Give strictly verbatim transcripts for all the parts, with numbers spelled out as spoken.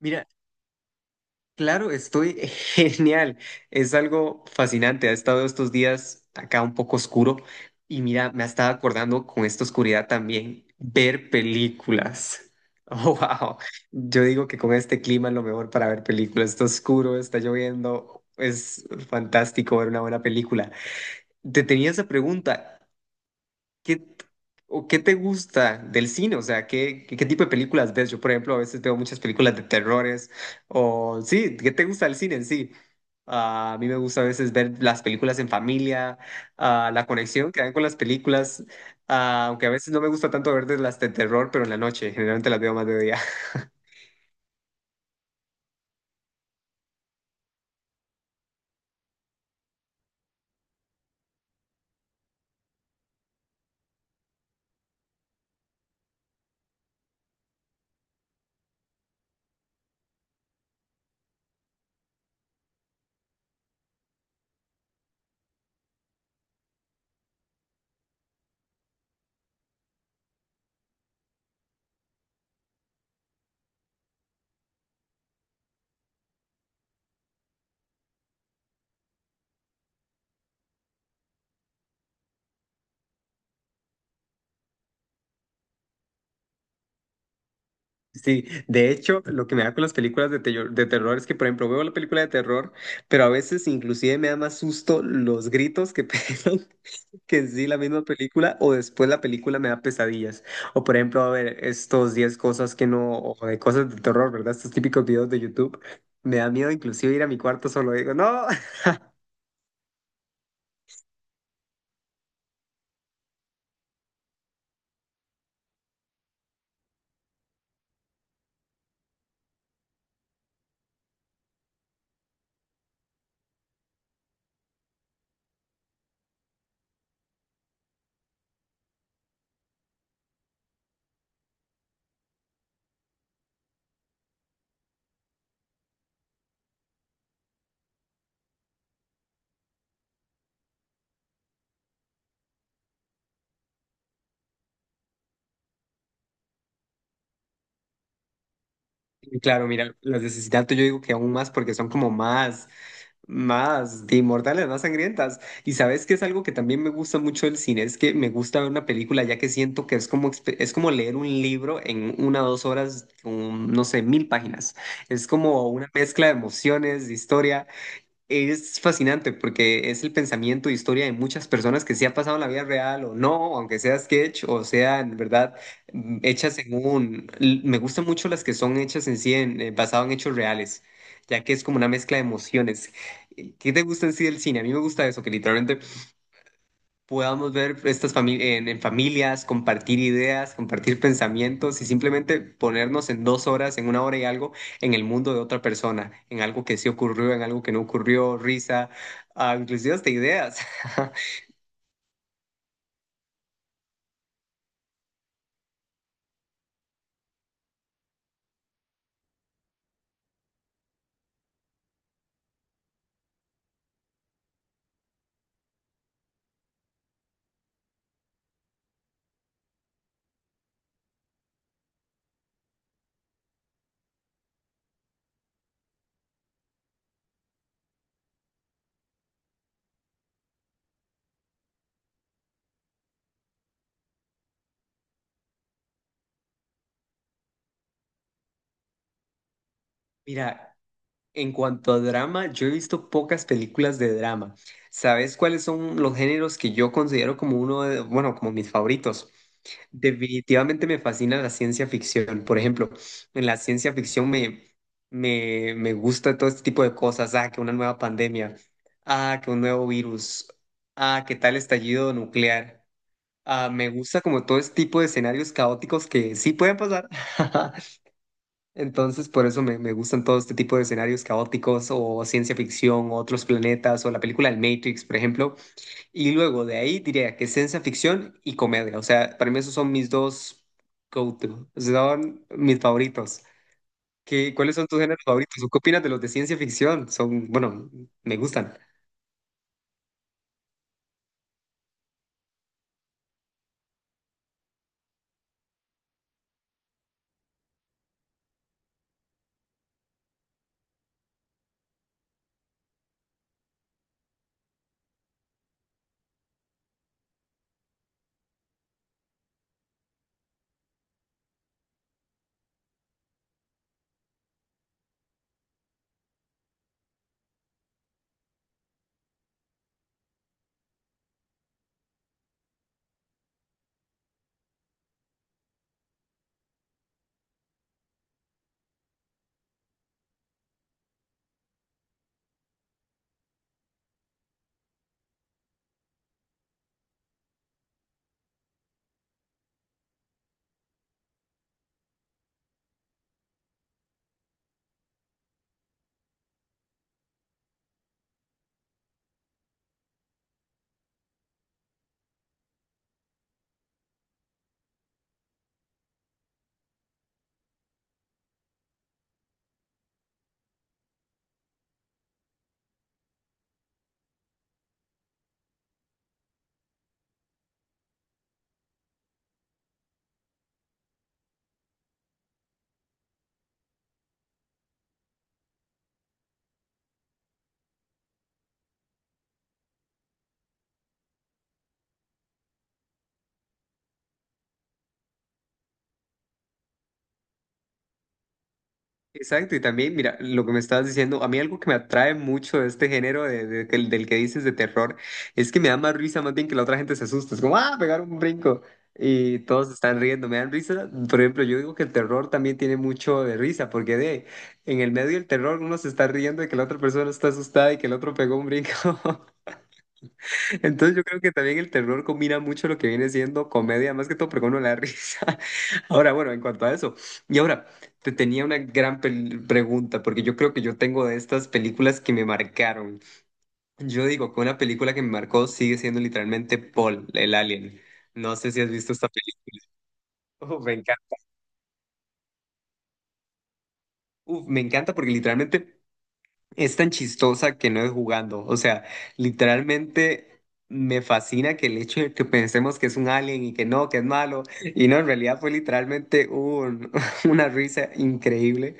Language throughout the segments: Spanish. Mira, claro, estoy genial. Es algo fascinante. Ha estado estos días acá un poco oscuro y mira, me ha estado acordando con esta oscuridad también ver películas. Oh, wow. Yo digo que con este clima es lo mejor para ver películas. Está oscuro, está lloviendo. Es fantástico ver una buena película. Te tenía esa pregunta. ¿Qué, o qué te gusta del cine? O sea, ¿qué, qué, qué tipo de películas ves? Yo, por ejemplo, a veces veo muchas películas de terrores o sí, ¿qué te gusta del cine en sí? Ah, a mí me gusta a veces ver las películas en familia, ah, la conexión que hay con las películas, ah, aunque a veces no me gusta tanto ver de las de terror, pero en la noche, generalmente las veo más de día. Sí, de hecho, lo que me da con las películas de, tello- de terror es que, por ejemplo, veo la película de terror, pero a veces inclusive me da más susto los gritos que pegan que en sí la misma película, o después la película me da pesadillas. O por ejemplo, a ver, estos diez cosas que no, o de cosas de terror, ¿verdad? Estos típicos videos de YouTube, me da miedo inclusive ir a mi cuarto solo, digo, no. Y claro, mira, las de asesinato yo digo que aún más porque son como más más de inmortales, más sangrientas. Y sabes que es algo que también me gusta mucho del cine, es que me gusta ver una película ya que siento que es como, expe- es como leer un libro en una o dos horas, con, no sé, mil páginas. Es como una mezcla de emociones, de historia. Es fascinante porque es el pensamiento e historia de muchas personas que se ha pasado en la vida real o no, aunque sea sketch o sea en verdad mm, hechas en un... l- Me gustan mucho las que son hechas en sí, en, eh, basado en hechos reales, ya que es como una mezcla de emociones. Eh, ¿Qué te gusta en sí del cine? A mí me gusta eso, que literalmente podamos ver estas fami- en, en familias, compartir ideas, compartir pensamientos y simplemente ponernos en dos horas, en una hora y algo, en el mundo de otra persona, en algo que sí ocurrió, en algo que no ocurrió, risa, ah, inclusive hasta ideas. Mira, en cuanto a drama, yo he visto pocas películas de drama. ¿Sabes cuáles son los géneros que yo considero como uno de, bueno, como mis favoritos? Definitivamente me fascina la ciencia ficción. Por ejemplo, en la ciencia ficción me, me, me gusta todo este tipo de cosas. Ah, que una nueva pandemia. Ah, que un nuevo virus. Ah, que tal estallido nuclear. Ah, me gusta como todo este tipo de escenarios caóticos que sí pueden pasar. Entonces, por eso me, me gustan todo este tipo de escenarios caóticos o ciencia ficción o otros planetas o la película El Matrix, por ejemplo. Y luego de ahí diría que ciencia ficción y comedia. O sea, para mí esos son mis dos go-to, son mis favoritos. ¿Qué, cuáles son tus géneros favoritos? ¿O qué opinas de los de ciencia ficción? Son, bueno, me gustan. Exacto, y también, mira, lo que me estabas diciendo, a mí algo que me atrae mucho de este género de- de- del, del que dices de terror, es que me da más risa más bien que la otra gente se asusta, es como, ah, pegar un brinco, y todos están riendo, me dan risa, por ejemplo, yo digo que el terror también tiene mucho de risa, porque de, en el medio del terror uno se está riendo de que la otra persona está asustada y que el otro pegó un brinco. Entonces yo creo que también el terror combina mucho lo que viene siendo comedia, más que todo, pero con uno la risa. Ahora, bueno, en cuanto a eso. Y ahora, te tenía una gran pel- pregunta, porque yo creo que yo tengo de estas películas que me marcaron. Yo digo que una película que me marcó sigue siendo literalmente Paul, el alien. No sé si has visto esta película. Uf, me encanta. Uf, me encanta porque literalmente es tan chistosa que no es jugando. O sea, literalmente me fascina que el hecho de que pensemos que es un alien y que no, que es malo. Y no, en realidad fue literalmente un- una risa increíble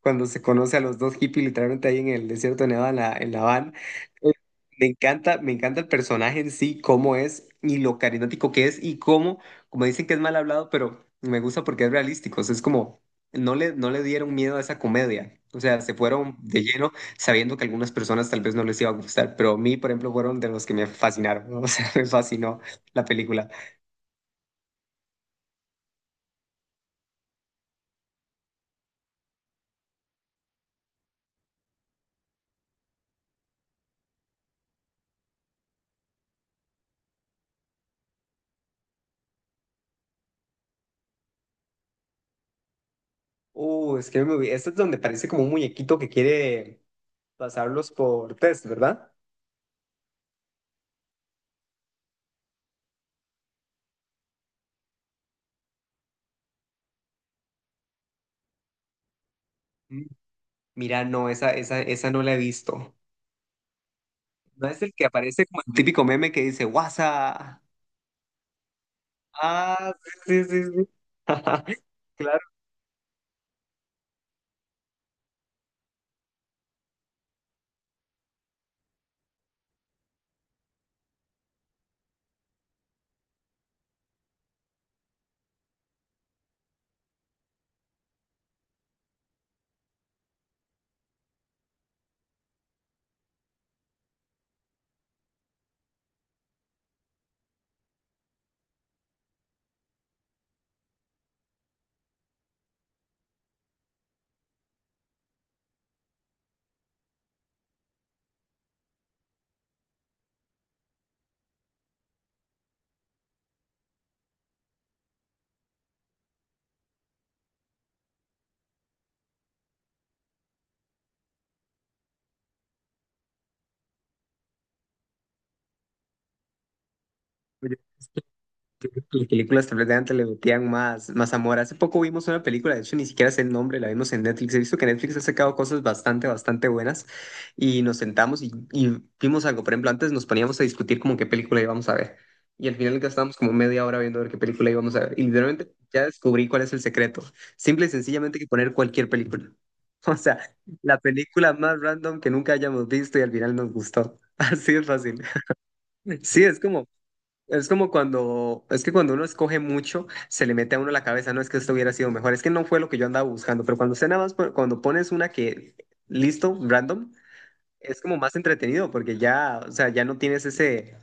cuando se conoce a los dos hippies literalmente ahí en el desierto de Nevada, en la, en la van. Eh, Me encanta, me encanta el personaje en sí, cómo es y lo carismático que es y cómo, como dicen que es mal hablado, pero me gusta porque es realístico. O sea, es como, no le, no le dieron miedo a esa comedia. O sea, se fueron de lleno sabiendo que a algunas personas tal vez no les iba a gustar, pero a mí, por ejemplo, fueron de los que me fascinaron, ¿no? O sea, me fascinó la película. Uh, es que me... vi- esto es donde parece como un muñequito que quiere pasarlos por test, ¿verdad? Mm. Mira, no, esa, esa, esa no la he visto. No es el que aparece como el típico meme que dice, WhatsApp. Ah, sí, sí, sí, sí. Claro. Las películas tal vez de antes le metían más, más amor. Hace poco vimos una película, de hecho ni siquiera sé el nombre, la vimos en Netflix. He visto que Netflix ha sacado cosas bastante, bastante buenas y nos sentamos y, y vimos algo. Por ejemplo, antes nos poníamos a discutir como qué película íbamos a ver y al final gastábamos como media hora viendo a ver qué película íbamos a ver. Y literalmente ya descubrí cuál es el secreto. Simple y sencillamente hay que poner cualquier película. O sea, la película más random que nunca hayamos visto y al final nos gustó. Así es fácil. Sí, es como... es como cuando, es que cuando uno escoge mucho, se le mete a uno a la cabeza, no es que esto hubiera sido mejor, es que no fue lo que yo andaba buscando, pero cuando usted nada más, pon- cuando pones una que, listo, random, es como más entretenido, porque ya, o sea, ya no tienes ese,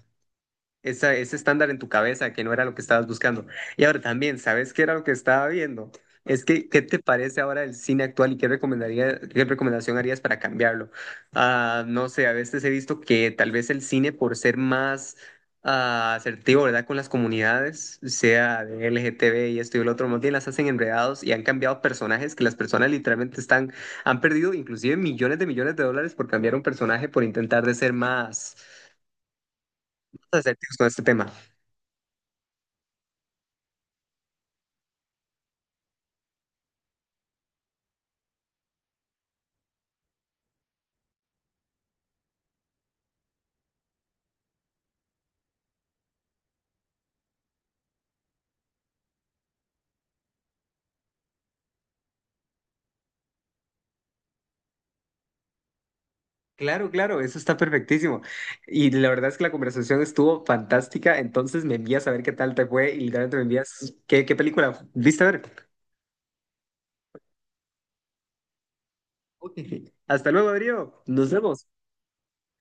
esa- ese estándar en tu cabeza que no era lo que estabas buscando. Y ahora también, ¿sabes qué era lo que estaba viendo? Es que, ¿qué te parece ahora el cine actual y qué recomendaría, qué recomendación harías para cambiarlo? Ah, no sé, a veces he visto que tal vez el cine por ser más ah, asertivo, ¿verdad? Con las comunidades, sea de L G T B y esto y el otro, más bien las hacen enredados y han cambiado personajes que las personas literalmente están, han perdido inclusive millones de millones de dólares por cambiar un personaje por intentar de ser más asertivos con este tema. Claro, claro, eso está perfectísimo. Y la verdad es que la conversación estuvo fantástica, entonces me envías a ver qué tal te fue y literalmente me envías qué, qué película viste a ver. Ok. Hasta luego, Adrián. Nos vemos.